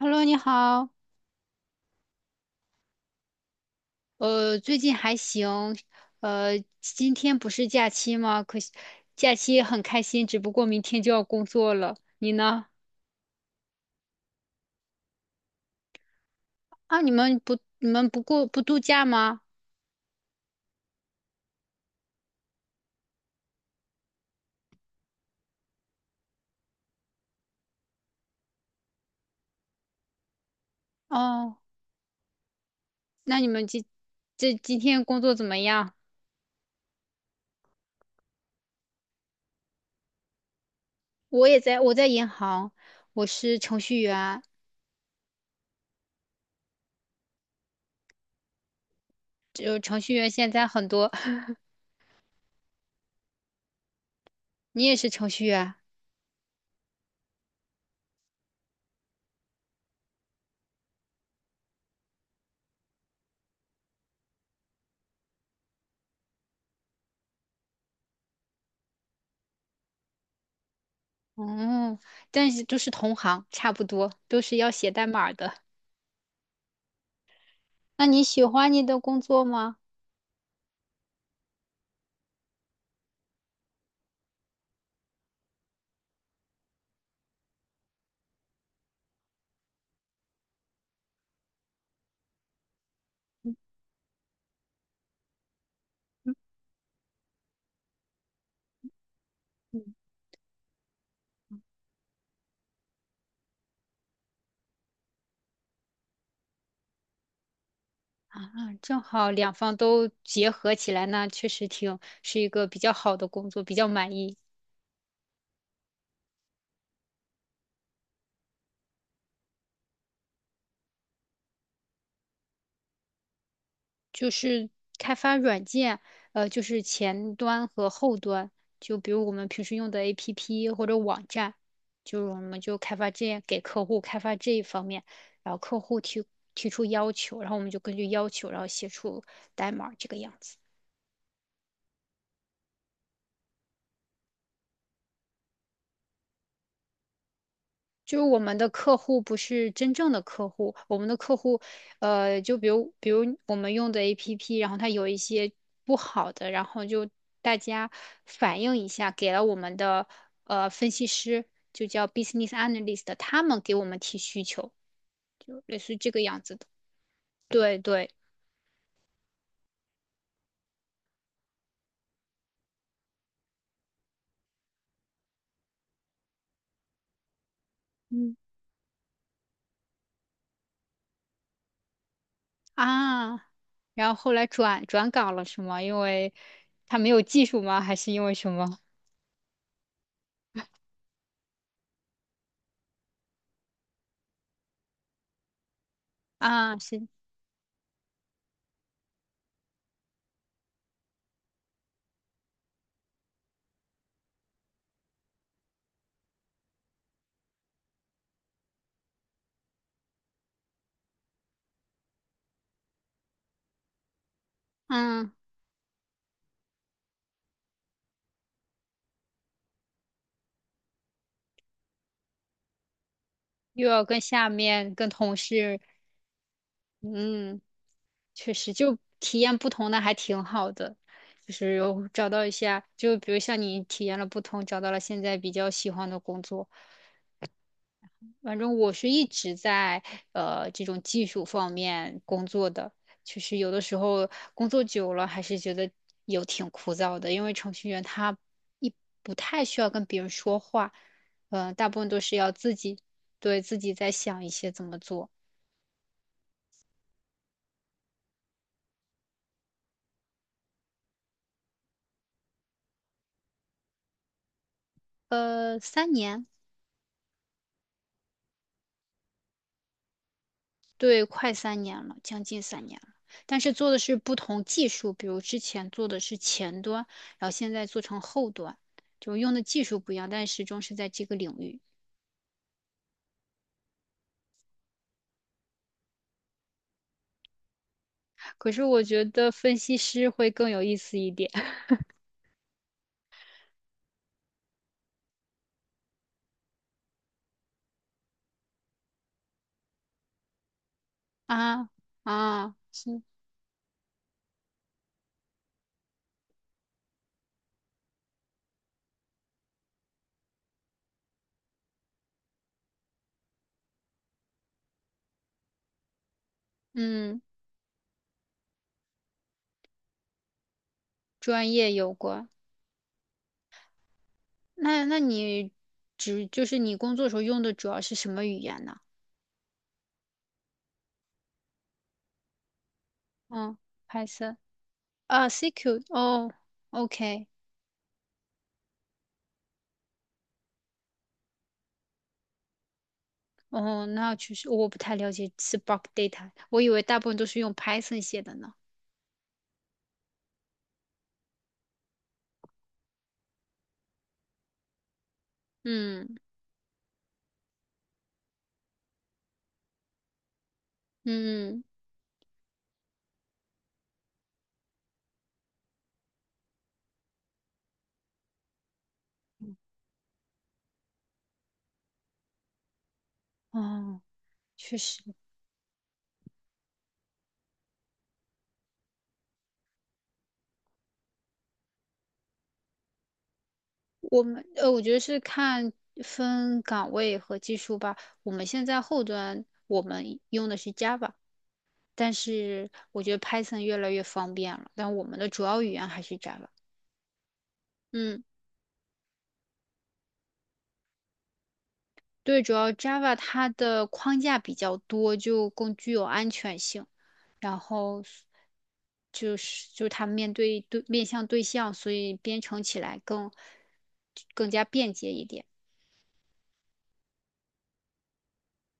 Hello，你好，最近还行，今天不是假期吗？可惜假期很开心，只不过明天就要工作了。你呢？啊，你们不过不度假吗？哦，那你们今这今天工作怎么样？我在银行，我是程序员，就程序员现在很多。你也是程序员，哦，但是都是同行，差不多，都是要写代码的。那你喜欢你的工作吗？正好两方都结合起来，那确实挺是一个比较好的工作，比较满意。就是开发软件，就是前端和后端，就比如我们平时用的 APP 或者网站，就是我们就开发这样给客户开发这一方面，然后客户提出要求，然后我们就根据要求，然后写出代码这个样子。就是我们的客户不是真正的客户，我们的客户，就比如我们用的 APP，然后它有一些不好的，然后就大家反映一下，给了我们的分析师，就叫 business analyst，他们给我们提需求，就类似于这个样子的。对对，嗯啊，然后后来转岗了是吗？因为他没有技术吗？还是因为什么？啊，是，嗯，又要跟下面跟同事，嗯，确实，就体验不同的还挺好的，就是有找到一下，就比如像你体验了不同，找到了现在比较喜欢的工作。反正我是一直在这种技术方面工作的，就是有的时候工作久了还是觉得有挺枯燥的，因为程序员他一不太需要跟别人说话，大部分都是要自己对自己在想一些怎么做。三年。对，快三年了，将近三年了。但是做的是不同技术，比如之前做的是前端，然后现在做成后端，就用的技术不一样，但始终是在这个领域。可是我觉得分析师会更有意思一点。 啊啊，是，嗯，专业有关。那那你只就是你工作时候用的主要是什么语言呢？嗯，Python 啊，CQ 哦，OK。哦，那确实我不太了解 Spark Data，我以为大部分都是用 Python 写的呢。嗯嗯，哦，确实，我们我觉得是看分岗位和技术吧。我们现在后端我们用的是 Java，但是我觉得 Python 越来越方便了，但我们的主要语言还是 Java。嗯。对，主要 Java 它的框架比较多，就更具有安全性。然后就是它面向对象，所以编程起来更加便捷一点。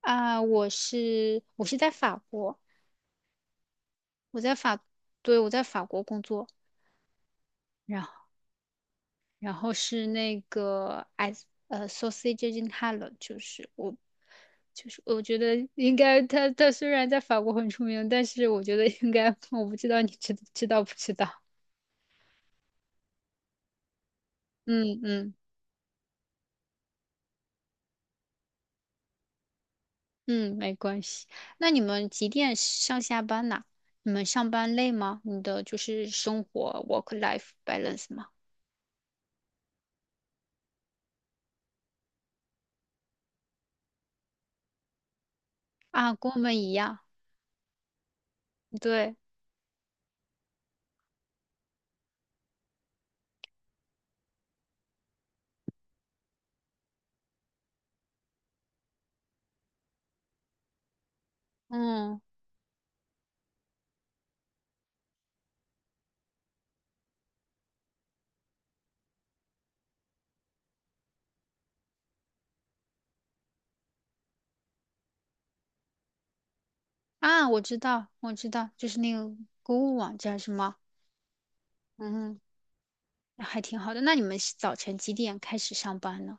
啊，我是在法国，我在法，对，我在法国工作。然后。然后是那个 as s a u s a g e in h a l l e 就是我觉得应该，他虽然在法国很出名，但是我觉得应该我不知道你知道不知道？嗯嗯嗯，没关系。那你们几点上下班呐？你们上班累吗？你的就是生活 work life balance 吗？啊，跟我们一样。对，嗯啊，我知道，我知道，就是那个购物网站是吗？嗯。还挺好的。那你们是早晨几点开始上班呢？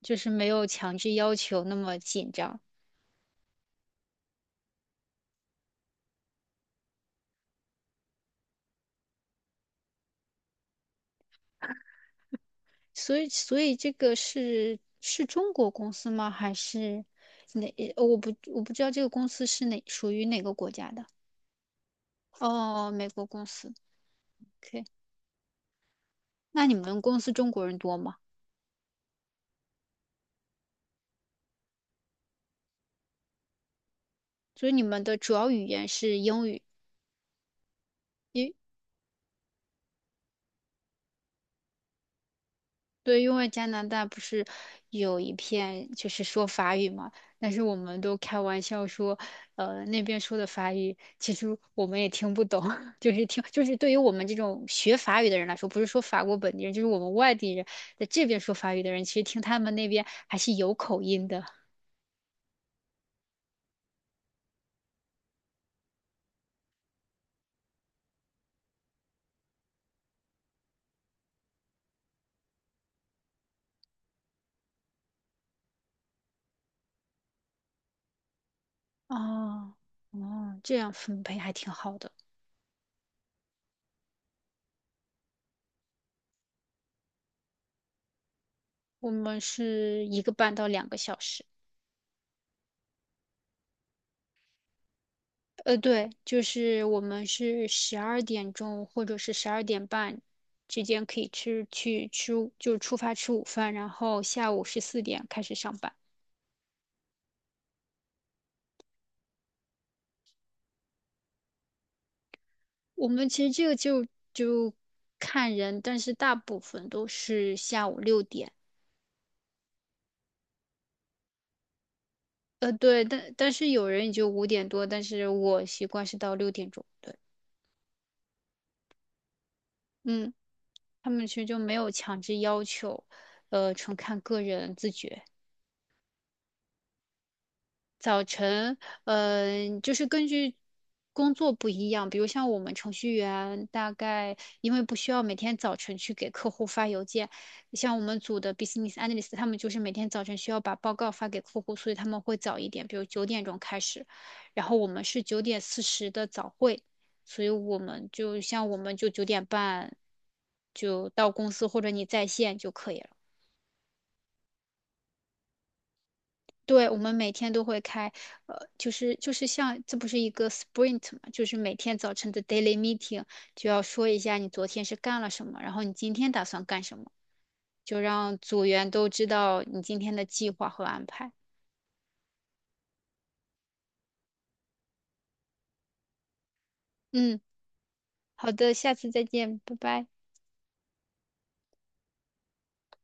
就是没有强制要求那么紧张。所以这个是中国公司吗？还是哪？我不知道这个公司属于哪个国家的。哦，美国公司。OK，那你们公司中国人多吗？所以你们的主要语言是英语，因对，因为加拿大不是有一片就是说法语嘛，但是我们都开玩笑说，那边说的法语其实我们也听不懂。就是听，就是对于我们这种学法语的人来说，不是说法国本地人，就是我们外地人在这边说法语的人，其实听他们那边还是有口音的。哦，哦，这样分配还挺好的。我们是1个半到2个小时。对，就是我们是12点钟或者是12点半之间可以吃去吃午就出发吃午饭，然后下午14点开始上班。我们其实这个就看人，但是大部分都是下午6点。对，但是有人也就5点多，但是我习惯是到6点钟。对，嗯，他们其实就没有强制要求，纯看个人自觉。早晨，就是根据工作不一样，比如像我们程序员，大概因为不需要每天早晨去给客户发邮件，像我们组的 business analyst，他们就是每天早晨需要把报告发给客户，所以他们会早一点，比如9点钟开始，然后我们是9点40的早会，所以我们就9点半就到公司或者你在线就可以了。对，我们每天都会开，就是像这不是一个 sprint 嘛，就是每天早晨的 daily meeting 就要说一下你昨天是干了什么，然后你今天打算干什么，就让组员都知道你今天的计划和安排。嗯，好的，下次再见，拜拜。